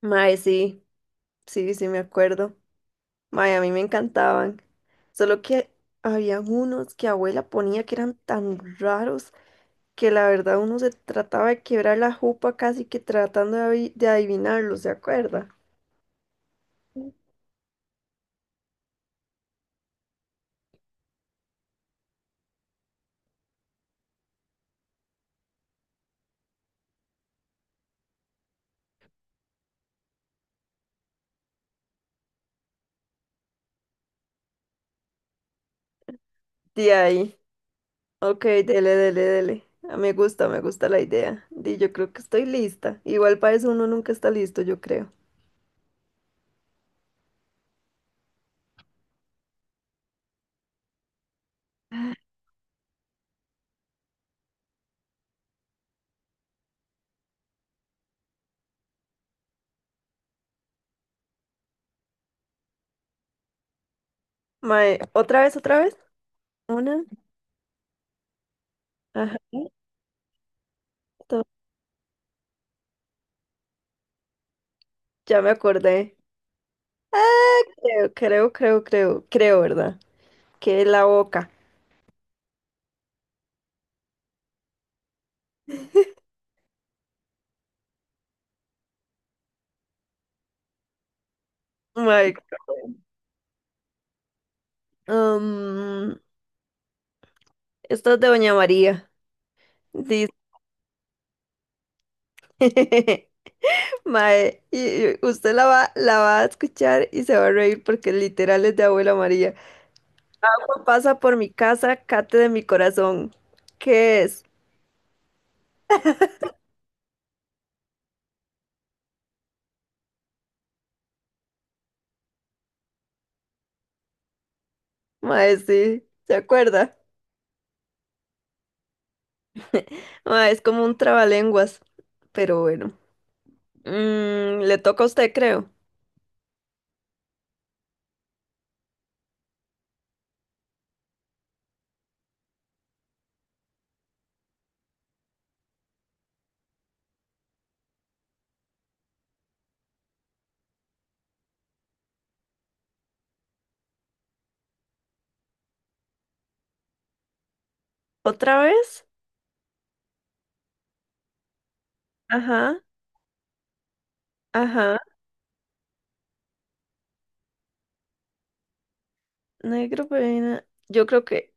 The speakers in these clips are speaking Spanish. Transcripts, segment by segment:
Mae, sí, sí, sí, me acuerdo. Mae, a mí me encantaban. Solo que habían unos que abuela ponía que eran tan raros que la verdad uno se trataba de quebrar la jupa casi que tratando de, de adivinarlos, ¿se acuerda? De ahí. Ok, dele, dele, dele. Ah, me gusta, me gusta la idea. Di, yo creo que estoy lista. Igual para eso uno nunca está listo, yo creo. Mae, ¿otra vez, otra vez? Una. Ajá. Dos. Ya me acordé. Ah, creo, ¿verdad? Que la boca. Mae, am, esto es de Doña María. Dice, mae, y usted la va a escuchar y se va a reír porque literal es de Abuela María. Agua pasa por mi casa, cate de mi corazón. ¿Qué es? Mae, sí, ¿se acuerda? Mae, es como un trabalenguas, pero bueno. Mm, le toca a usted, creo. ¿Otra vez? Ajá, ajá. Negro, pero... Yo creo que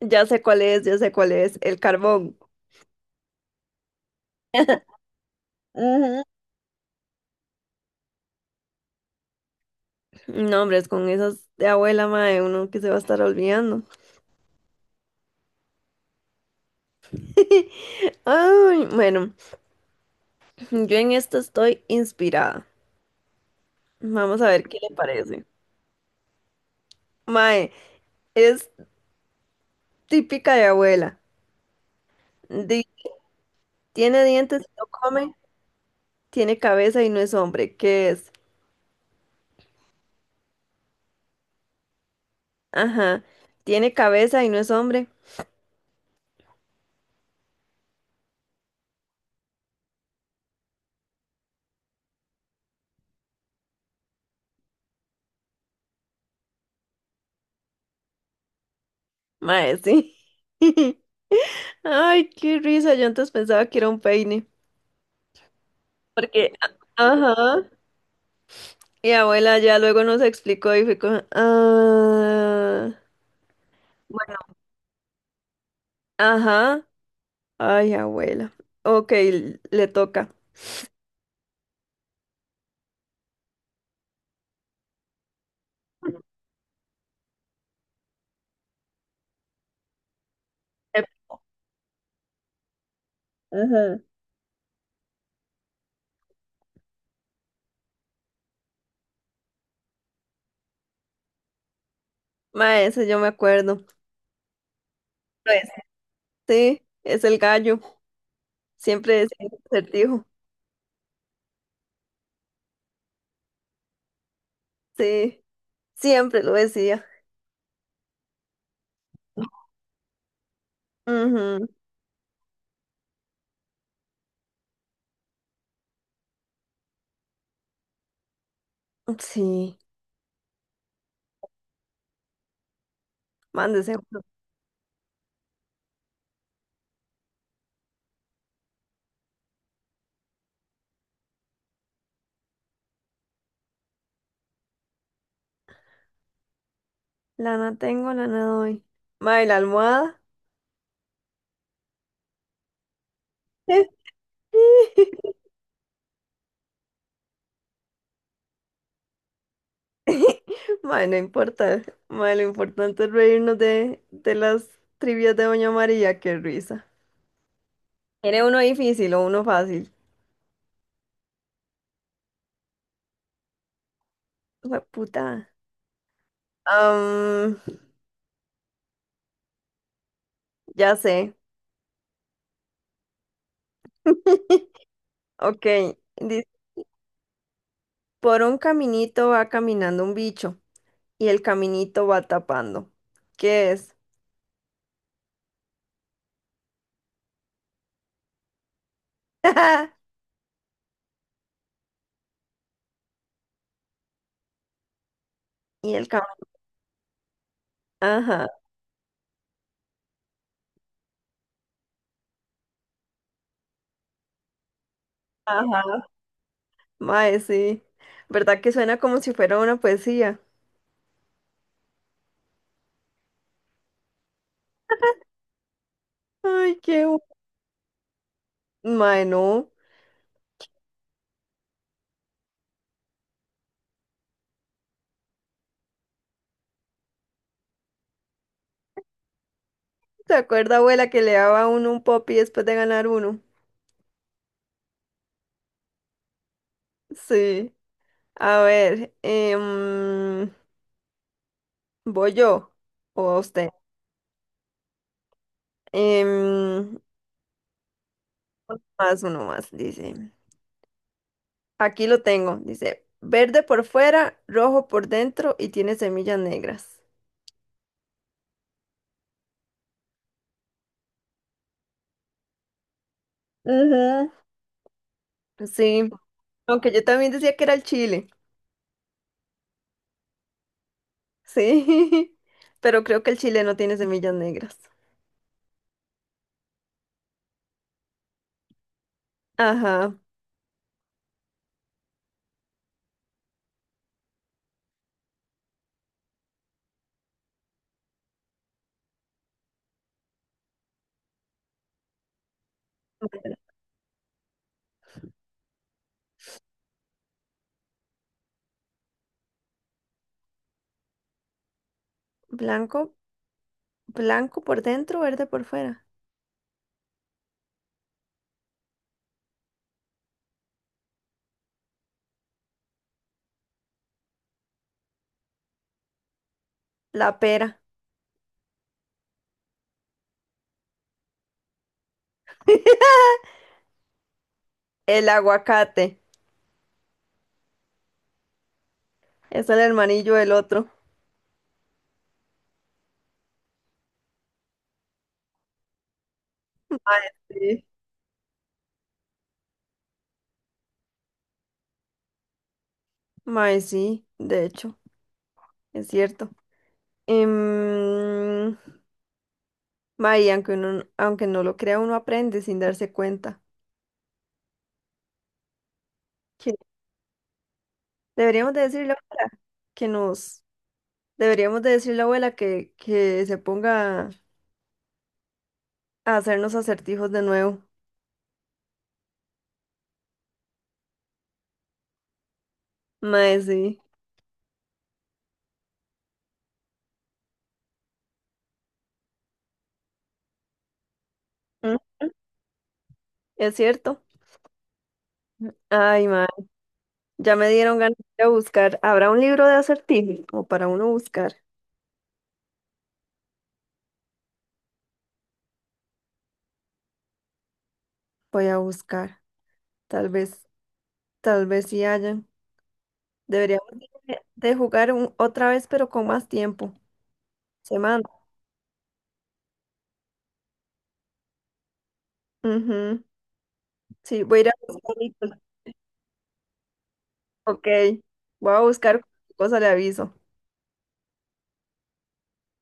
ya sé cuál es, ya sé cuál es, el carbón. Ujú. No, hombre, es con esas de abuela, mae, uno que se va a estar olvidando. Ay, bueno, yo en esta estoy inspirada. Vamos a ver qué le parece. Mae, es típica de abuela. Di- Tiene dientes y no come, tiene cabeza y no es hombre. ¿Qué es? Ajá, tiene cabeza y no es hombre. Mae, sí. Ay, qué risa, yo antes pensaba que era un peine. Porque, ajá, mi abuela ya luego nos explicó y fue como, ah, bueno, ajá, ay, abuela, ok, le toca. Ep. Ajá. Ma, ese yo me acuerdo. Pues, sí, es el gallo, siempre es el acertijo, sí, siempre lo decía. Ujú. Sí, mándese. Uno. Lana tengo, lana doy. Ma, ¿y la almohada? Mae, no importa. Mae, lo importante es reírnos de las trivias de Doña María, qué risa. ¿Quiere uno difícil o uno fácil? Hue puta. Am, ya sé. Ok. Dice, por un caminito va caminando un bicho y el caminito va tapando. ¿Qué es? Y el caminito. Ajá, ajá. Mae, sí. ¿Verdad que suena como si fuera una poesía? Ay, qué. Mae, no. ¿Te acuerdas, abuela, que le daba a uno un popi después de ganar uno? Sí. A ver, ¿voy yo o a usted? Em, más uno más, dice. Aquí lo tengo, dice. Verde por fuera, rojo por dentro y tiene semillas negras. Ujú. Sí, aunque yo también decía que era el chile. Sí, pero creo que el chile no tiene semillas negras. Ajá. Blanco, blanco por dentro, verde por fuera. La pera. El aguacate es el hermanillo del otro. Sí. Mae, sí, de hecho, es cierto. Em, mae, aunque uno, aunque no lo crea, uno aprende sin darse cuenta. Que deberíamos de decirle a la abuela que nos, deberíamos de decirle a la abuela que se ponga a hacernos acertijos de nuevo. Mae, sí. Mm, es cierto. Ay, mae, ya me dieron ganas de ir a buscar. ¿Habrá un libro de acertijos? O para uno buscar. Voy a buscar, tal vez. Tal vez sí hayan. Deberíamos de jugar otra vez, pero con más tiempo. Semana. Ujú. Sí, voy a ir a buscar. Ok. Voy a buscar cosa, le aviso.